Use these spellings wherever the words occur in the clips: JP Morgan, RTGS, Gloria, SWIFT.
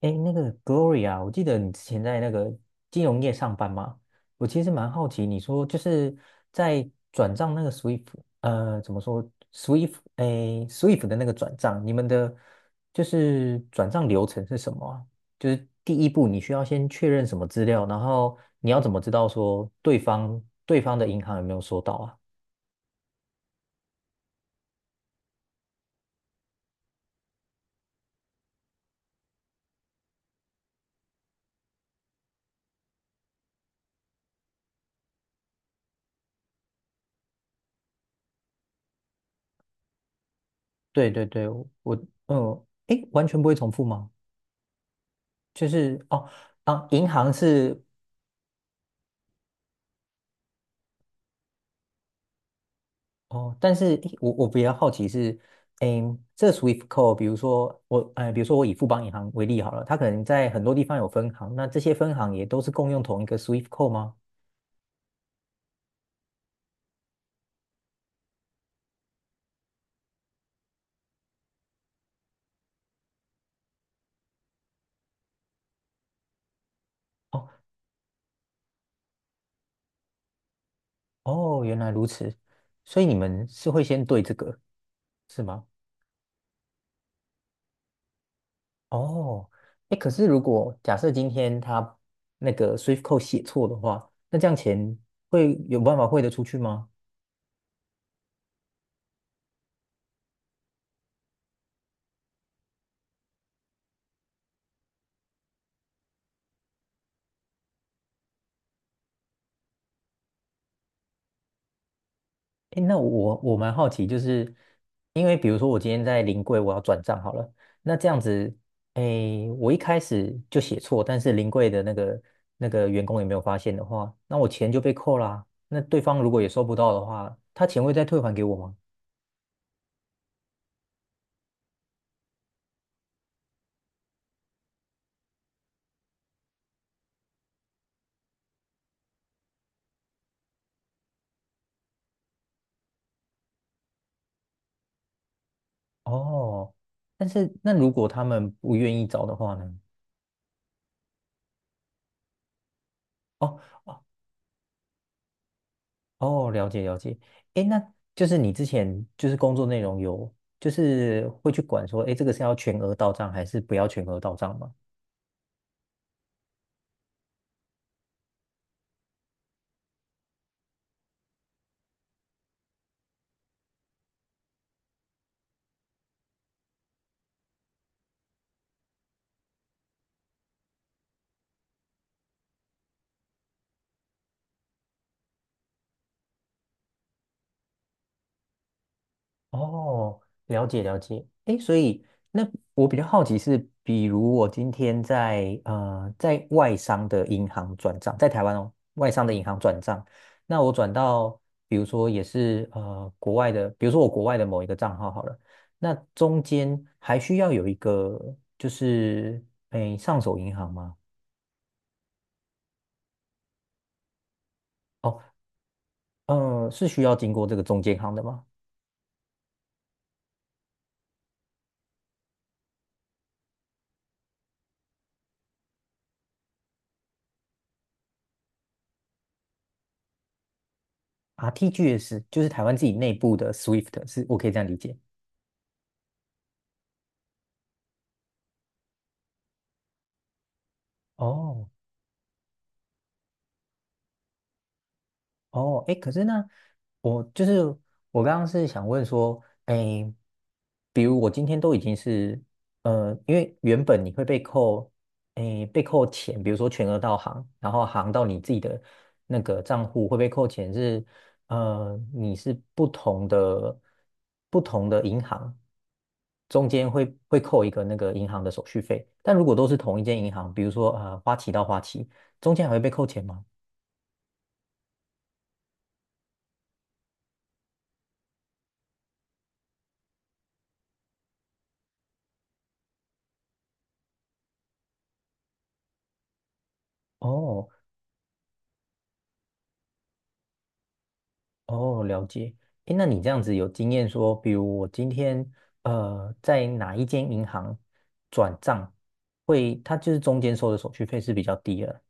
哎，那个 Gloria，我记得你之前在那个金融业上班嘛，我其实蛮好奇，你说就是在转账那个 SWIFT，怎么说 SWIFT，哎，SWIFT 的那个转账，你们的就是转账流程是什么啊？就是第一步你需要先确认什么资料，然后你要怎么知道说对方的银行有没有收到啊？对对对，我，嗯，哎，完全不会重复吗？就是哦，啊，银行是哦，但是诶我比较好奇是，诶，这 SWIFT code，比如说我，比如说我以富邦银行为例好了，它可能在很多地方有分行，那这些分行也都是共用同一个 SWIFT code 吗？哦哦，原来如此，所以你们是会先对这个是吗？哦，哎，可是如果假设今天他那个 SWIFT code 写错的话，那这样钱会有办法汇得出去吗？诶，那我蛮好奇，就是因为比如说我今天在临柜我要转账好了，那这样子，诶，我一开始就写错，但是临柜的那个员工也没有发现的话，那我钱就被扣啦。那对方如果也收不到的话，他钱会再退还给我吗？哦，但是那如果他们不愿意找的话呢？哦哦，了解了解。诶，那就是你之前就是工作内容有，就是会去管说，诶，这个是要全额到账还是不要全额到账吗？哦，了解了解。诶，所以那我比较好奇是，比如我今天在外商的银行转账，在台湾哦，外商的银行转账，那我转到比如说也是国外的，比如说我国外的某一个账号好了，那中间还需要有一个就是诶上手银行吗？哦，嗯，是需要经过这个中间行的吗？RTGS 就是台湾自己内部的 SWIFT，是我可以这样理解。哦，哦，哎，可是呢，我就是我刚刚是想问说，哎，比如我今天都已经是，因为原本你会被扣，哎，被扣钱，比如说全额到行，然后行到你自己的那个账户会被扣钱是，你是不同的银行中间会扣一个那个银行的手续费，但如果都是同一间银行，比如说花旗到花旗，中间还会被扣钱吗？哦，哦，了解。诶，那你这样子有经验说，比如我今天在哪一间银行转账，会它就是中间收的手续费是比较低了。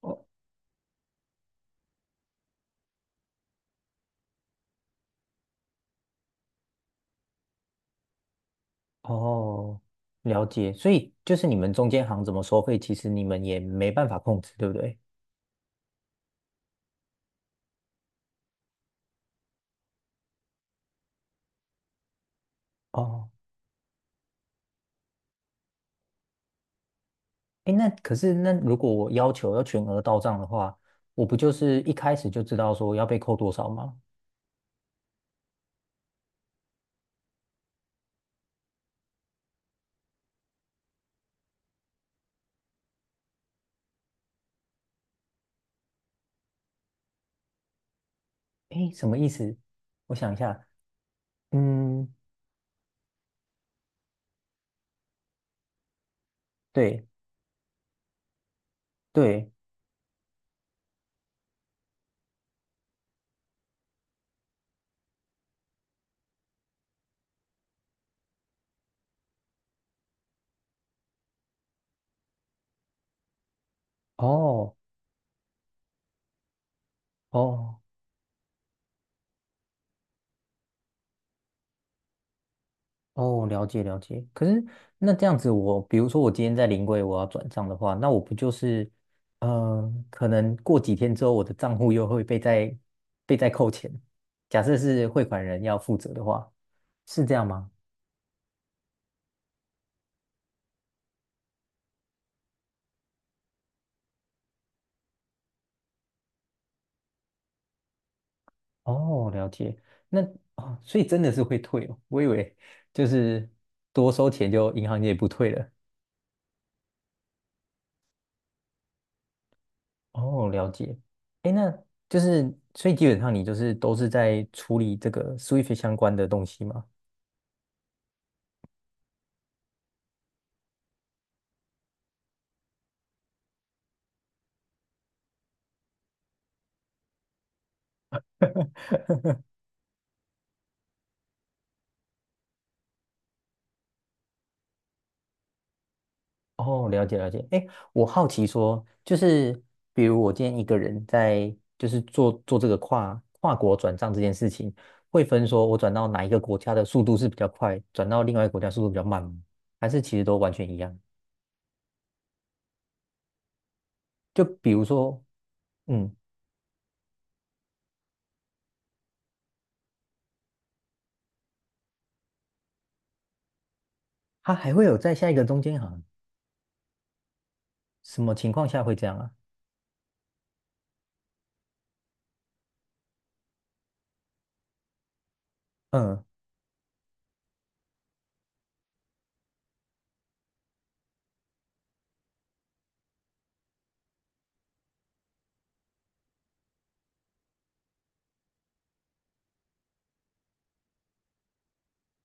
哦，哦，了解。所以就是你们中间行怎么收费，其实你们也没办法控制，对不对？哦，诶，那可是那如果我要求要全额到账的话，我不就是一开始就知道说要被扣多少吗？哎，什么意思？我想一下，嗯，对对。哦，哦哦，了解了解。可是那这样子我，比如说我今天在临柜我要转账的话，那我不就是，嗯，可能过几天之后我的账户又会被再扣钱。假设是汇款人要负责的话，是这样吗？哦，了解。那哦，所以真的是会退哦。我以为就是多收钱就银行也不退了。哦，了解。哎，那就是所以基本上你就是都是在处理这个 Swift 相关的东西吗？哦，了解了解。哎，我好奇说，就是比如我今天一个人在，就是做做这个跨国转账这件事情，会分说我转到哪一个国家的速度是比较快，转到另外一个国家速度比较慢吗？还是其实都完全一样？就比如说，嗯，他还会有在下一个中间行，什么情况下会这样啊？嗯，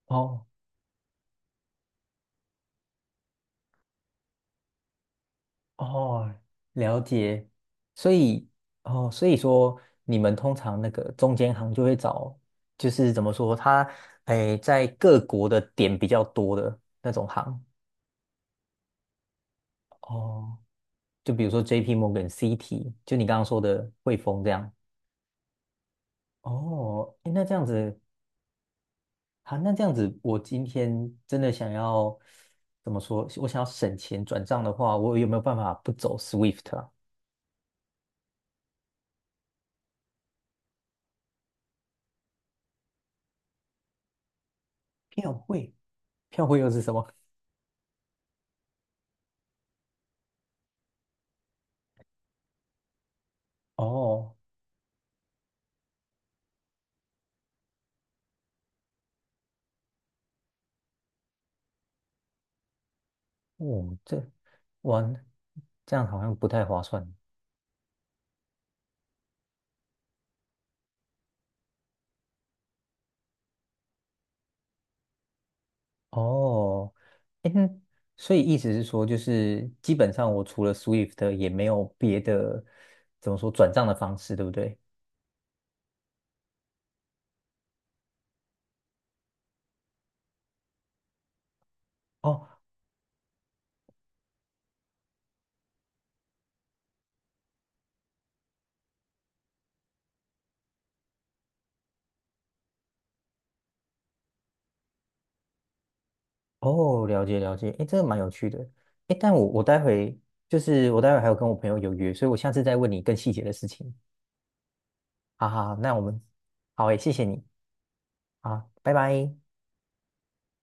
哦哦，了解。所以，哦，所以说你们通常那个中间行就会找，就是怎么说，它，哎，在各国的点比较多的那种行。哦，就比如说 JP Morgan、CT，就你刚刚说的汇丰这样。哦，诶那这样子，好，那这样子，我今天真的想要怎么说？我想要省钱转账的话，我有没有办法不走 Swift 啊？票汇，票汇又是什么？哦，哦，完这样好像不太划算哦。诶，那所以意思是说，就是基本上我除了 Swift 也没有别的怎么说转账的方式，对不对？哦哦，了解了解，哎，这个蛮有趣的。哎，但我待会还有跟我朋友有约，所以我下次再问你更细节的事情。好好，好那我们好诶，谢谢你，好，拜拜。